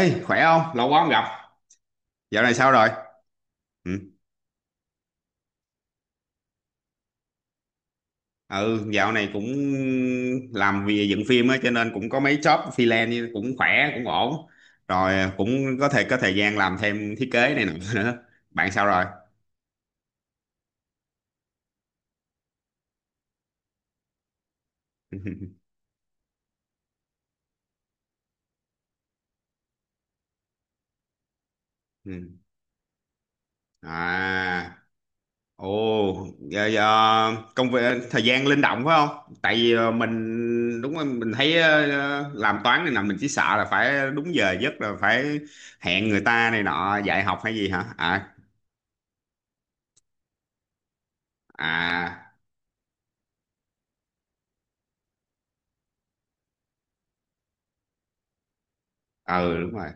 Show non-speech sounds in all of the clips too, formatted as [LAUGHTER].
Ê, khỏe không? Lâu quá không gặp. Dạo này sao rồi? Ừ, ừ dạo này cũng làm việc dựng phim á cho nên cũng có mấy job freelance cũng khỏe, cũng ổn. Rồi à, cũng có thể có thời gian làm thêm thiết kế này nọ [LAUGHS] nữa. Bạn sao rồi? [LAUGHS] Ừ. À, ồ, giờ công việc thời gian linh động phải không? Tại vì mình đúng rồi, mình thấy làm toán này nọ mình chỉ sợ là phải đúng giờ giấc là phải hẹn người ta này nọ dạy học hay gì hả? À, ừ đúng rồi,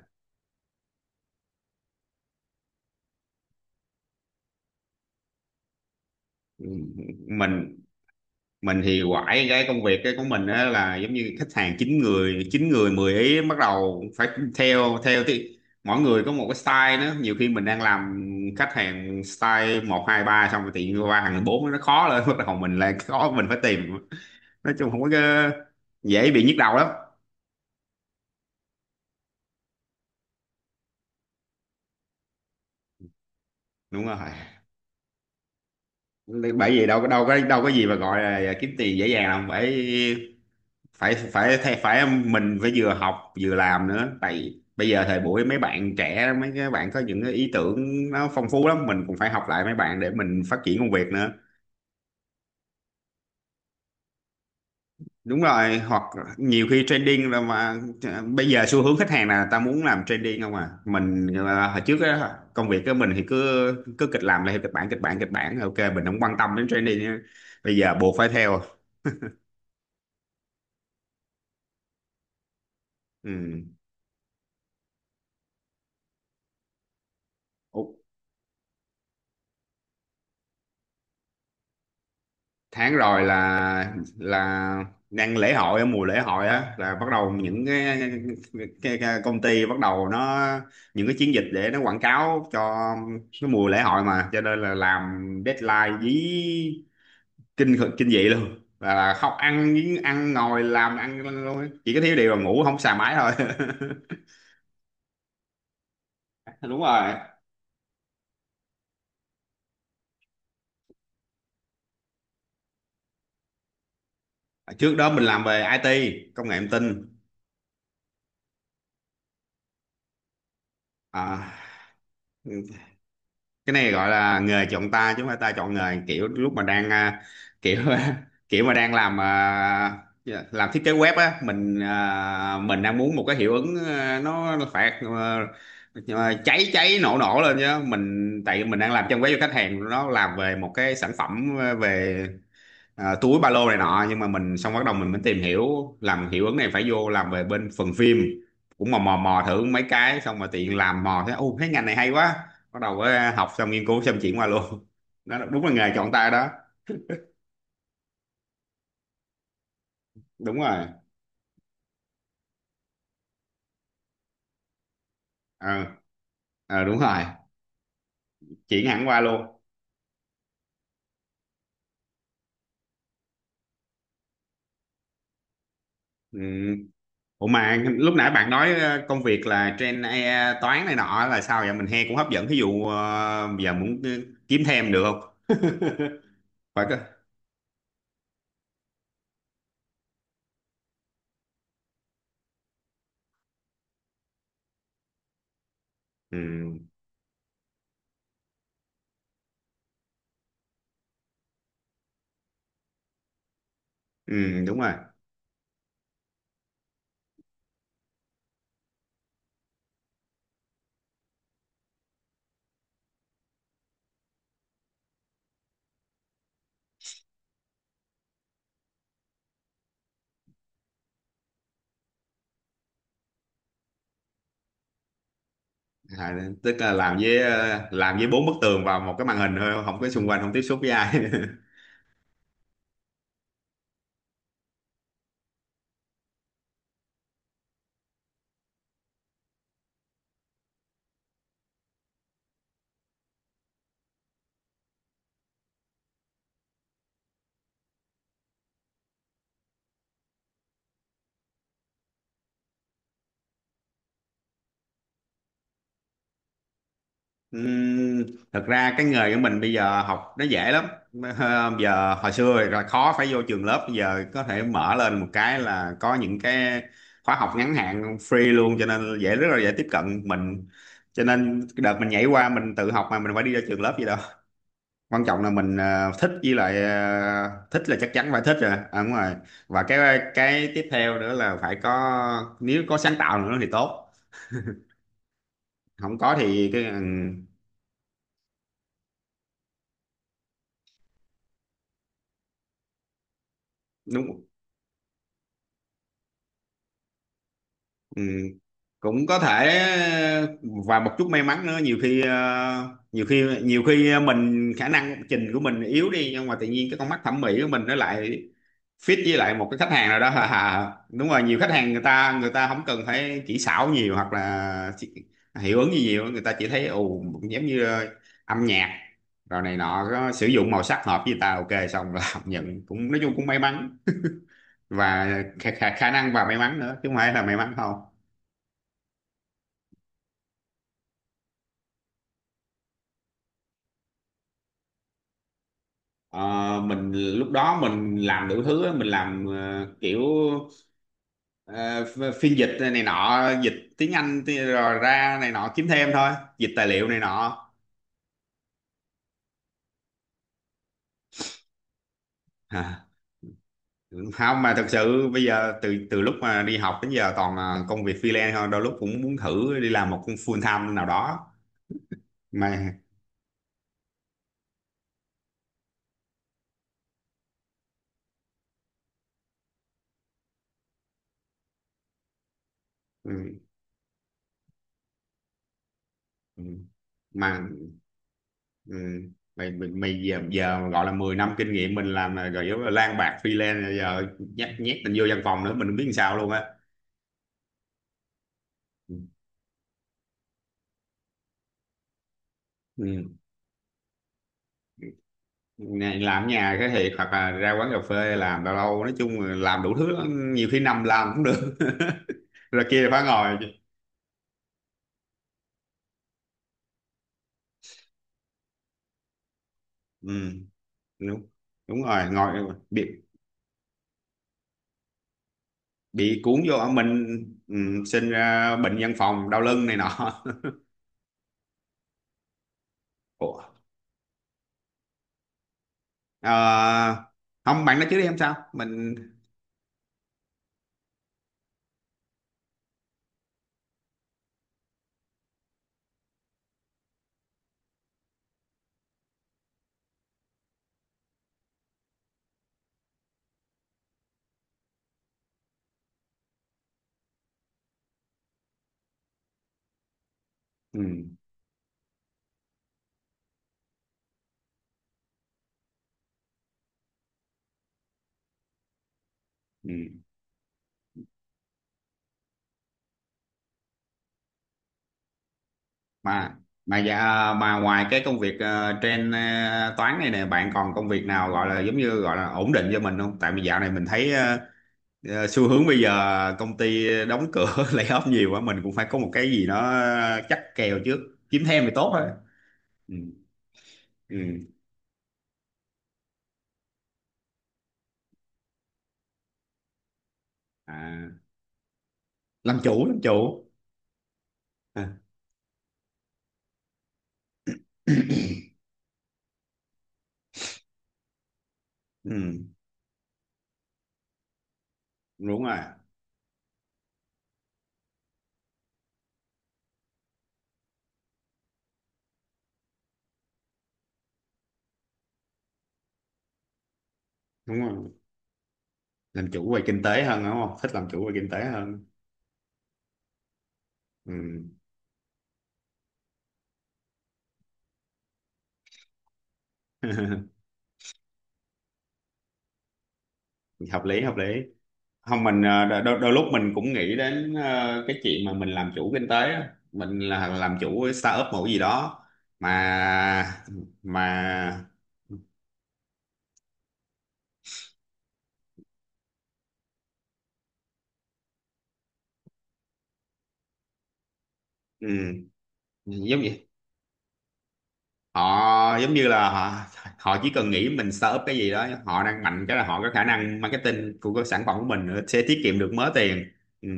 mình mình thì quải cái công việc cái của mình á là giống như khách hàng chín người mười ý, bắt đầu phải theo theo thì mỗi người có một cái style nữa, nhiều khi mình đang làm khách hàng style một hai ba, xong rồi tự nhiên qua hàng bốn nó khó lên, bắt đầu mình lại khó, mình phải tìm, nói chung không có cái- dễ bị nhức đầu lắm. Đúng rồi, bởi vì đâu có gì mà gọi là kiếm tiền dễ dàng đâu, phải phải phải phải phải mình phải vừa học vừa làm nữa, tại bây giờ thời buổi mấy bạn trẻ mấy cái bạn có những cái ý tưởng nó phong phú lắm, mình cũng phải học lại mấy bạn để mình phát triển công việc nữa. Đúng rồi, hoặc nhiều khi trending là mà bây giờ xu hướng khách hàng là ta muốn làm trending không à, mình à, hồi trước á, công việc của mình thì cứ cứ kịch làm là theo kịch bản kịch bản kịch bản, ok mình không quan tâm đến trending á. Bây giờ buộc phải theo. Ừ. Tháng rồi là đang lễ hội, ở mùa lễ hội á là bắt đầu những cái công ty bắt đầu nó những cái chiến dịch để nó quảng cáo cho cái mùa lễ hội mà, cho nên là làm deadline dí kinh khủng- kinh dị luôn, là không ăn ăn ngồi làm ăn luôn á. Chỉ có thiếu điều là ngủ không xài máy thôi. [LAUGHS] Đúng rồi, trước đó mình làm về IT, công nghệ thông tin. à, cái này gọi là nghề chọn ta chứ không phải ta chọn nghề, kiểu lúc mà đang kiểu [LAUGHS] kiểu mà đang làm dạ, làm thiết kế web á, mình đang muốn một cái hiệu ứng nó phải cháy cháy nổ nổ lên chứ, mình tại vì mình đang làm trang web cho khách hàng nó làm về một cái sản phẩm về túi ba lô này nọ, nhưng mà mình xong bắt đầu mình mới tìm hiểu làm hiệu ứng này phải vô làm về bên phần phim, cũng mò mò mò thử mấy cái, xong mà tiện làm mò thấy ô cái ngành này hay quá, bắt đầu học xong nghiên cứu xong chuyển qua luôn [LAUGHS] đó là- đúng là nghề chọn tay đó. Đúng rồi. ờ Đúng rồi, chuyển hẳn qua luôn. Ừ. Ủa mà lúc nãy bạn nói công việc là trên AI toán này nọ là sao vậy, mình nghe cũng hấp dẫn, thí dụ giờ muốn kiếm thêm được không? [LAUGHS] Phải cơ. Ừ. Ừ đúng rồi. À, tức là làm với làm với bốn bức tường vào một cái màn hình thôi, không có xung quanh, không tiếp xúc với ai. [LAUGHS] Ừm, thật ra cái nghề của mình bây giờ học nó dễ lắm. Ờ, giờ hồi xưa là khó phải vô trường lớp, bây giờ có thể mở lên một cái là có những cái khóa học ngắn hạn free luôn, cho nên dễ, rất là dễ tiếp cận mình, cho nên cái đợt mình nhảy qua mình tự học mà, mình phải đi ra trường lớp gì đâu. Quan trọng là mình thích, với lại thích là chắc chắn phải thích rồi, à, đúng rồi. Và cái tiếp theo nữa là phải có, nếu có sáng tạo nữa thì tốt, không có thì cái ừ, đúng. Ừ, cũng có thể. Và một chút may mắn nữa, nhiều khi nhiều khi mình khả năng trình của mình yếu đi, nhưng mà tự nhiên cái con mắt thẩm mỹ của mình nó lại fit với lại một cái khách hàng nào đó. [LAUGHS] À, đúng rồi, nhiều khách hàng người ta không cần phải kỹ xảo nhiều, hoặc là chỉ- hiệu ứng gì nhiều, người ta chỉ thấy ồ giống như âm nhạc rồi này nọ, có sử dụng màu sắc hợp với người ta ok xong là [LAUGHS] học nhận cũng, nói chung cũng may mắn và khả năng và may mắn nữa chứ không phải là may mắn không. Ờ, mình lúc đó mình làm đủ thứ á, mình làm kiểu phiên dịch này nọ, dịch tiếng Anh, rồi ra này nọ kiếm thêm thôi, dịch tài liệu này nọ. [LAUGHS] Không mà thật sự bây giờ từ từ lúc mà đi học đến giờ toàn là công việc freelance thôi, đôi lúc cũng muốn thử đi làm một công full time nào đó mà ừ, ừ, mà ừ, mày mày, mày giờ gọi là 10 năm kinh nghiệm mình làm là rồi yếu là lang bạc freelance rồi, giờ nhét nhét mình vô văn phòng nữa mình không biết làm sao luôn á. Ừ. Này, làm ở nhà cái thiệt, hoặc là ra quán cà phê làm lâu lâu, nói chung là làm đủ thứ lắm. Nhiều khi nằm làm cũng được. [LAUGHS] Rồi kia phải ngồi. Ừ. đúng đúng rồi ngồi bị cuốn vô ở mình, ừ, sinh ra bệnh văn phòng đau lưng này nọ. [LAUGHS] Ủa? Ờ, không bạn nói trước đi em sao mình. Ừ, ừ. mà mà dạ, mà ngoài cái công việc trên toán này nè, bạn còn công việc nào gọi là giống như gọi là ổn định cho mình không, tại vì dạo này mình thấy xu hướng bây giờ công ty đóng cửa [LAUGHS] lay off nhiều quá, mình cũng phải có một cái gì nó chắc kèo trước, kiếm thêm thì tốt thôi. Ừ. Ừ. À, làm chủ, làm chủ à. [COUGHS] [CLEARS THROAT] Ừ. Đúng rồi, đúng rồi, làm chủ về kinh tế hơn đúng không, thích làm chủ về kinh tế hơn. Ừ. [LAUGHS] Hợp lý, hợp lý. Không mình đôi lúc mình cũng nghĩ đến cái chuyện mà mình làm chủ kinh tế á, mình là làm chủ cái startup một cái gì đó. Mà mà ừ, giống như họ giống như là họ họ chỉ cần nghĩ mình startup cái gì đó, họ đang mạnh cái là họ có khả năng marketing của cái sản phẩm của mình nữa, sẽ tiết kiệm được mớ tiền. Ừ,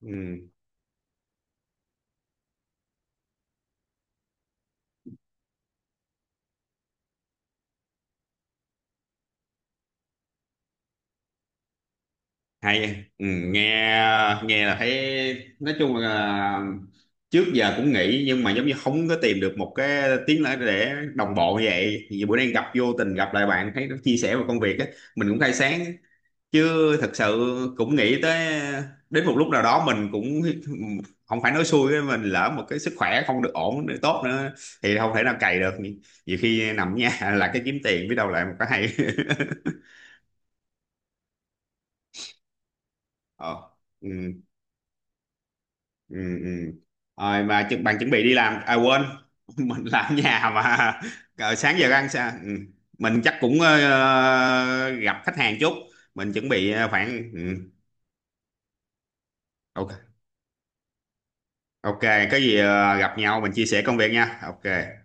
ừ. Hay ừ, nghe nghe là thấy, nói chung là trước giờ cũng nghĩ, nhưng mà giống như không có tìm được một cái tiếng nói để đồng bộ, như vậy thì bữa nay gặp vô tình gặp lại bạn thấy nó chia sẻ về công việc á, mình cũng khai sáng, chứ thật sự cũng nghĩ tới đến một lúc nào đó mình cũng, không phải nói xui với mình, lỡ một cái sức khỏe không được ổn được tốt nữa thì không thể nào cày được, nhiều khi nằm ở nhà [LAUGHS] là cái kiếm tiền biết đâu lại một cái hay. [LAUGHS] Ờ. Ừ. Ừ. Ừ. Rồi mà bạn chuẩn bị đi làm à, quên. [LAUGHS] Mình làm ở nhà mà. Ờ, sáng giờ ăn sao ừ. Mình chắc cũng gặp khách hàng chút, mình chuẩn bị khoảng ừ. Ok, ok, có gì gặp nhau mình chia sẻ công việc nha. Ok.